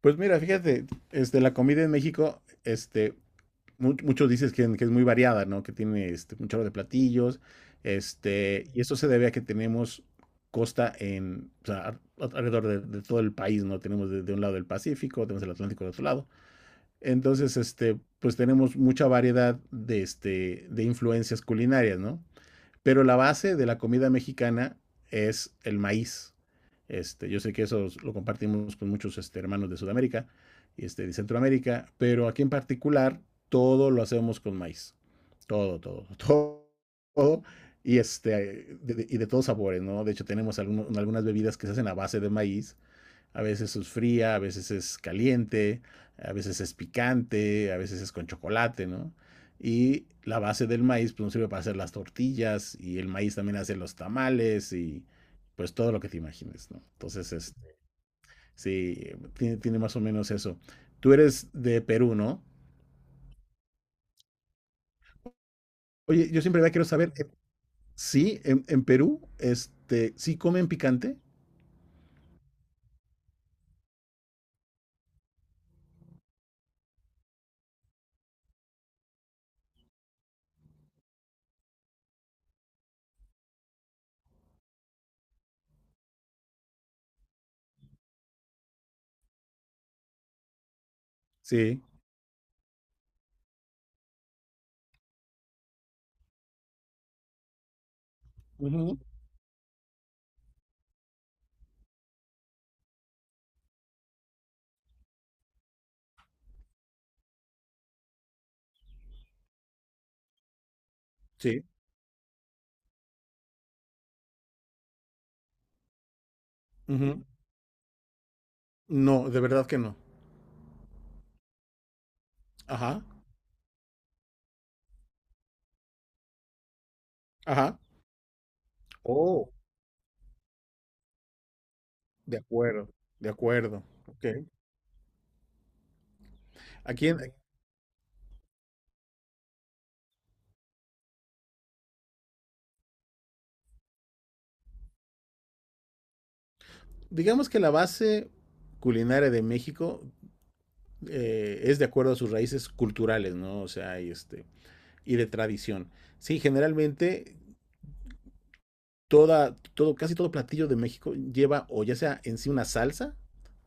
Pues mira, fíjate, la comida en México, muchos dices que es muy variada, ¿no? Que tiene un chorro de platillos, y esto se debe a que tenemos costa en, o sea, alrededor de todo el país, ¿no? Tenemos de un lado el Pacífico, tenemos el Atlántico del otro lado. Entonces, pues tenemos mucha variedad de influencias culinarias, ¿no? Pero la base de la comida mexicana es el maíz. Yo sé que eso lo compartimos con muchos hermanos de Sudamérica y de Centroamérica, pero aquí en particular todo lo hacemos con maíz. Todo, todo, todo, todo. Y, y de todos sabores, ¿no? De hecho, tenemos algunas bebidas que se hacen a base de maíz. A veces es fría, a veces es caliente, a veces es picante, a veces es con chocolate, ¿no? Y la base del maíz pues nos sirve para hacer las tortillas, y el maíz también hace los tamales y pues todo lo que te imagines, ¿no? Entonces, sí, tiene más o menos eso. Tú eres de Perú, ¿no? Oye, yo siempre quiero saber, sí, en Perú, ¿sí comen picante? Sí. Ujú. Sí. Ujú. No, de verdad que no. Ajá, ajá. Oh. De acuerdo, de acuerdo. Ok. Aquí, en- digamos que la base culinaria de México, es de acuerdo a sus raíces culturales, ¿no? O sea, y de tradición. Sí, generalmente todo, casi todo platillo de México lleva o ya sea en sí una salsa,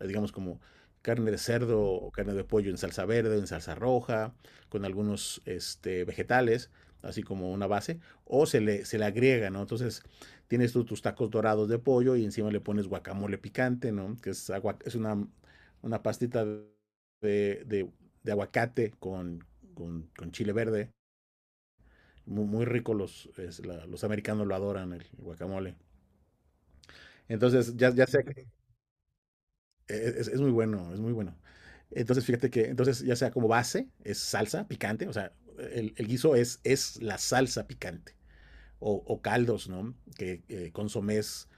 digamos como carne de cerdo o carne de pollo en salsa verde, en salsa roja, con algunos vegetales, así como una base, o se le agrega, ¿no? Entonces tienes tú tus tacos dorados de pollo y encima le pones guacamole picante, ¿no? Que es, es una pastita de, de aguacate con chile verde. Muy, muy rico. Los americanos lo adoran, el guacamole. Entonces, ya sea que es muy bueno, es muy bueno. Entonces, fíjate que, entonces, ya sea como base, es salsa picante, o sea, el guiso es la salsa picante, o caldos, ¿no? Que consomés,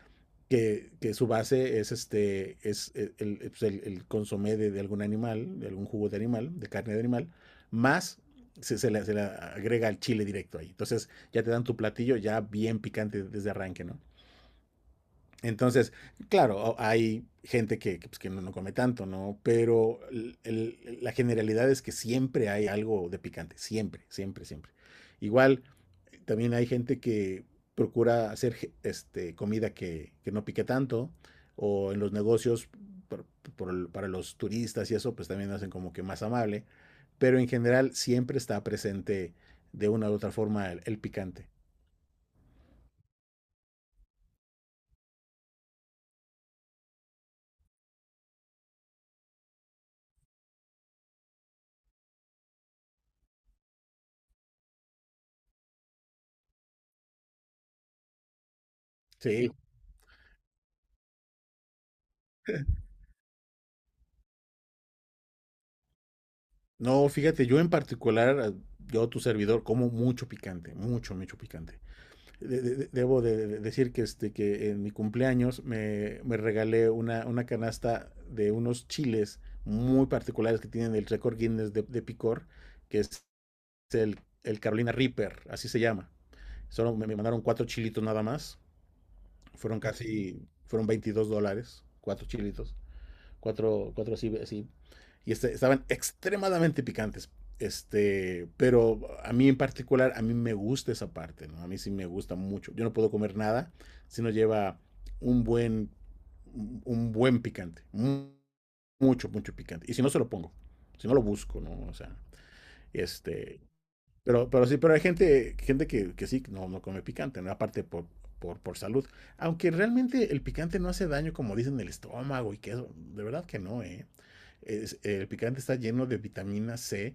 su base es este, es el, pues, el consomé algún animal, de algún jugo de animal, de carne de animal, más se le agrega el chile directo ahí. Entonces, ya te dan tu platillo ya bien picante desde arranque, ¿no? Entonces, claro, hay gente pues que no come tanto, ¿no? Pero la generalidad es que siempre hay algo de picante, siempre, siempre, siempre. Igual, también hay gente que procura hacer comida que no pique tanto, o en los negocios, por- para los turistas y eso, pues también hacen como que más amable, pero en general siempre está presente de una u otra forma el picante. Sí. No, fíjate, yo en particular, yo tu servidor como mucho picante, mucho, mucho picante. Debo de decir que, en mi cumpleaños me regalé una canasta de unos chiles muy particulares que tienen el récord Guinness de picor, que es el Carolina Reaper, así se llama. Solo me mandaron cuatro chilitos nada más. Fueron casi, fueron $22, cuatro chilitos. Cuatro, cuatro así, así. Y estaban extremadamente picantes. Pero a mí en particular, a mí me gusta esa parte, ¿no? A mí sí me gusta mucho. Yo no puedo comer nada si no lleva un buen, un buen picante. Mucho, mucho picante. Y si no se lo pongo, si no lo busco, ¿no? O sea, este, pero sí, pero hay gente que sí, no come picante, ¿no? Aparte por salud. Aunque realmente el picante no hace daño, como dicen, el estómago y que eso, de verdad que no, ¿eh? El picante está lleno de vitamina C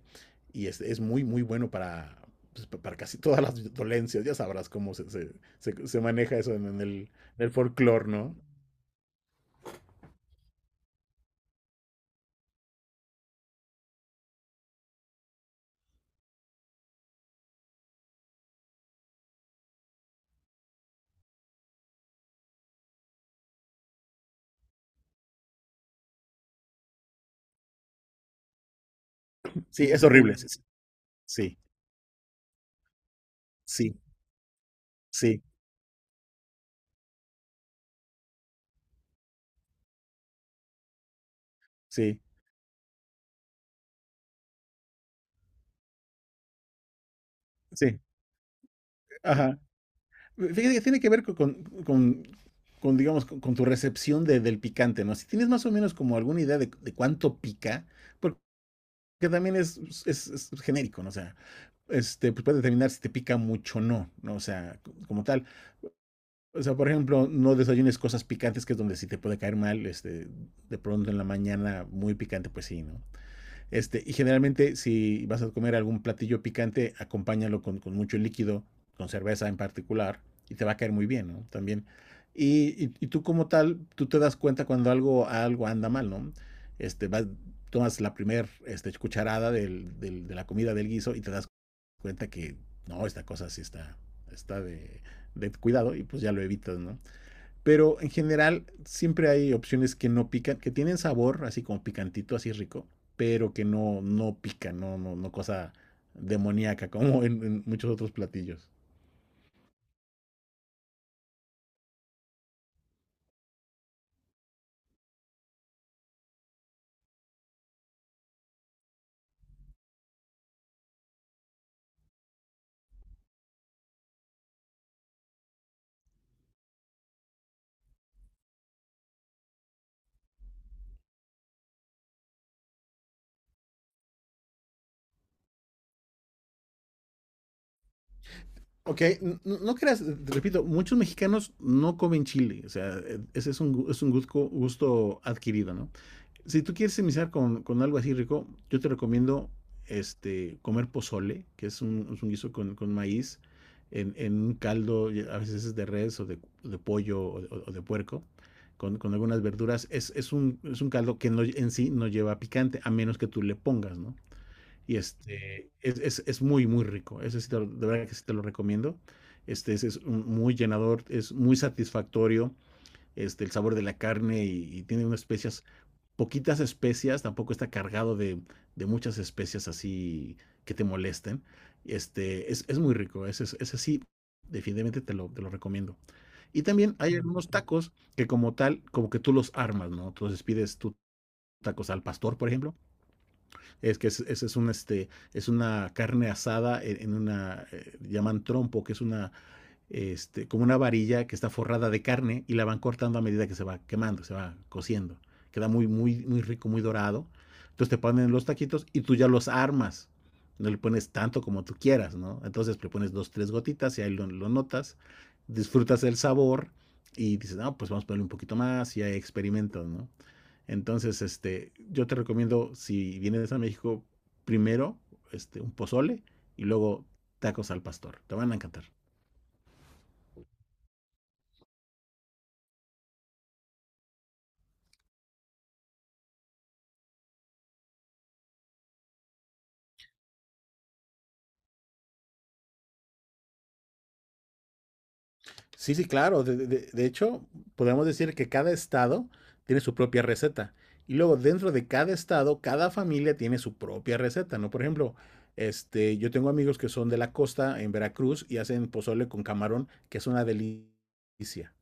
y es muy, muy bueno para, pues, para casi todas las dolencias. Ya sabrás cómo se maneja eso en el folclore, ¿no? Sí, es horrible. Sí, sí, sí, sí, sí, sí, sí. Ajá. Fíjate que tiene que ver con, digamos, con tu recepción del picante, ¿no? Si tienes más o menos como alguna idea de cuánto pica, porque también es genérico, ¿no? O sea, pues puede determinar si te pica mucho o no, ¿no? O sea, como tal. O sea, por ejemplo, no desayunes cosas picantes, que es donde sí te puede caer mal, de pronto en la mañana muy picante, pues sí, ¿no? Y generalmente, si vas a comer algún platillo picante, acompáñalo con mucho líquido, con cerveza en particular, y te va a caer muy bien, ¿no? También. Y tú como tal, tú te das cuenta cuando algo anda mal, ¿no? Vas, tomas la primer cucharada de la comida del guiso y te das cuenta que no, esta cosa sí está de cuidado, y pues ya lo evitas, ¿no? Pero en general siempre hay opciones que no pican, que tienen sabor, así como picantito, así rico, pero que no pican, no cosa demoníaca como en muchos otros platillos. Ok, no creas, te repito, muchos mexicanos no comen chile, o sea, ese es un gusto, gusto adquirido, ¿no? Si tú quieres iniciar con algo así rico, yo te recomiendo, comer pozole, que es un guiso con maíz, en un caldo, y a veces es de res o de pollo o o de puerco, con algunas verduras. Es un caldo que en sí no lleva picante, a menos que tú le pongas, ¿no? Y es muy, muy rico. Ese sí de verdad que sí te lo recomiendo. Este es muy llenador, es muy satisfactorio. El sabor de la carne, y tiene unas especias, poquitas especias, tampoco está cargado de muchas especias así que te molesten. Es muy rico, ese, ese sí, definitivamente te lo recomiendo. Y también hay algunos tacos que como tal, como que tú los armas, ¿no? Entonces pides tú tacos al pastor, por ejemplo, es que ese es una carne asada en una, llaman trompo, que es una, como una varilla que está forrada de carne y la van cortando a medida que se va quemando, se va cociendo. Queda muy, muy, muy rico, muy dorado. Entonces te ponen los taquitos y tú ya los armas. No le pones tanto como tú quieras, ¿no? Entonces le pones dos, tres gotitas y ahí lo notas. Disfrutas el sabor y dices, no, pues vamos a ponerle un poquito más y ahí experimento, ¿no? Entonces, yo te recomiendo, si vienes a México, primero, un pozole y luego tacos al pastor. Te van a encantar. Sí, sí, claro. De hecho, podemos decir que cada estado tiene su propia receta. Y luego dentro de cada estado, cada familia tiene su propia receta, ¿no? Por ejemplo, yo tengo amigos que son de la costa en Veracruz y hacen pozole con camarón, que es una delicia.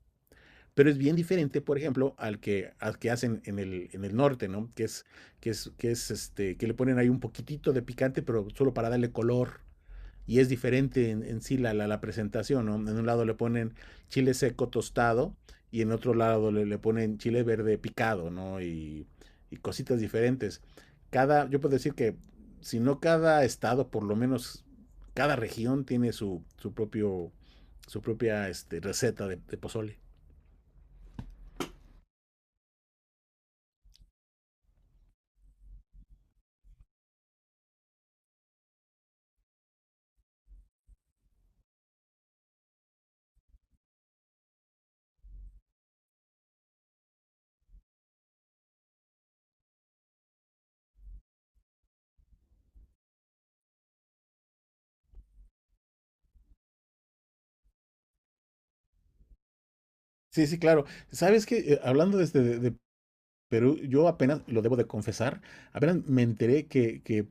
Pero es bien diferente, por ejemplo, al que hacen en el norte, ¿no? Que que le ponen ahí un poquitito de picante, pero solo para darle color. Y es diferente en sí la presentación, ¿no? En un lado le ponen chile seco tostado y en otro lado le ponen chile verde picado, ¿no? Y cositas diferentes. Yo puedo decir que, si no cada estado, por lo menos cada región tiene su propia receta de pozole. Sí, sí, claro. ¿Sabes que hablando desde de Perú? Yo apenas, lo debo de confesar, apenas me enteré que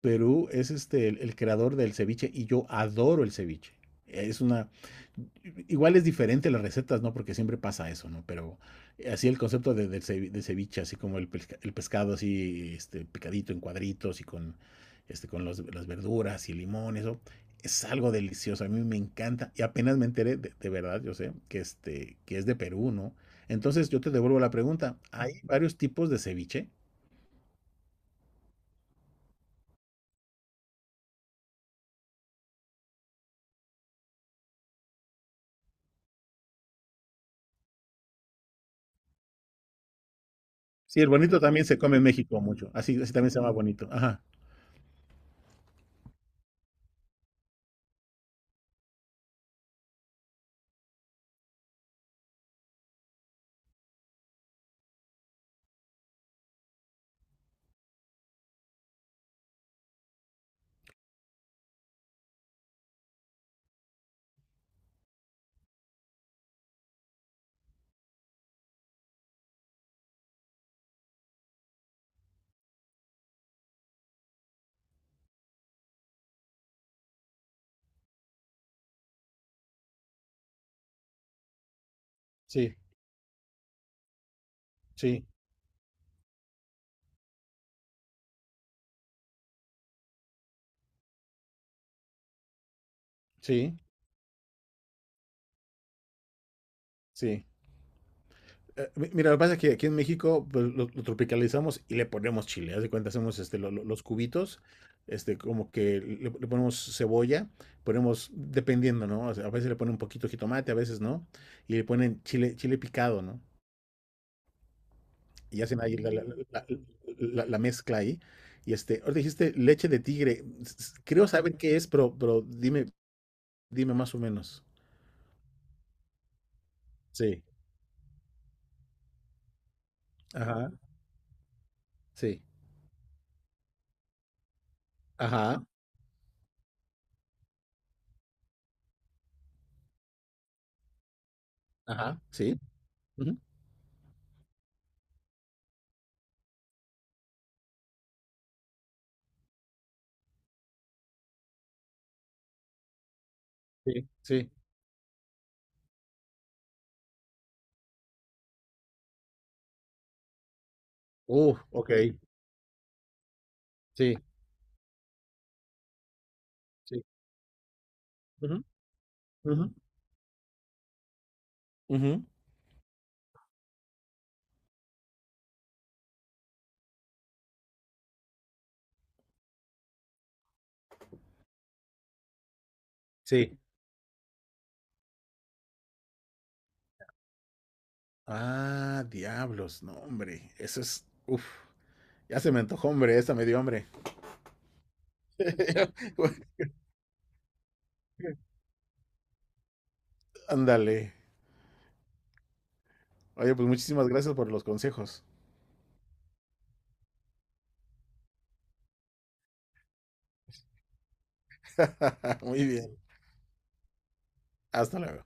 Perú es el creador del ceviche, y yo adoro el ceviche. Es una, Igual es diferente las recetas, ¿no? Porque siempre pasa eso, ¿no? Pero así el concepto de, del cevi- de ceviche, así como el pescado así, picadito en cuadritos y con las verduras y limón, eso es algo delicioso, a mí me encanta. Y apenas me enteré, de verdad, yo sé, que es de Perú, ¿no? Entonces yo te devuelvo la pregunta, ¿hay varios tipos de ceviche? Sí, el bonito también se come en México mucho. Así también se llama bonito. Ajá. Sí, sí, sí, sí. Mira, lo que pasa es que aquí en México pues lo tropicalizamos y le ponemos chile. Haz de cuenta, hacemos, los cubitos, como que le ponemos cebolla, ponemos, dependiendo, ¿no? O sea, a veces le ponen un poquito de jitomate, a veces no, y le ponen chile, picado, ¿no? Y hacen ahí la- la mezcla ahí. Y ahora dijiste leche de tigre. Creo saber qué es, pero dime más o menos. Sí. Ajá. Sí. Ajá. Ajá. Sí. Ujú. Sí. Sí. Uf, ok. Sí. Sí. Ujú, ujú, ujú. Sí. Ah, diablos, no, hombre. Eso es. Uf. Ya se me antojó, hombre. Esa me dio hambre. Ándale. Oye, pues muchísimas gracias por los consejos. Muy bien. Hasta luego.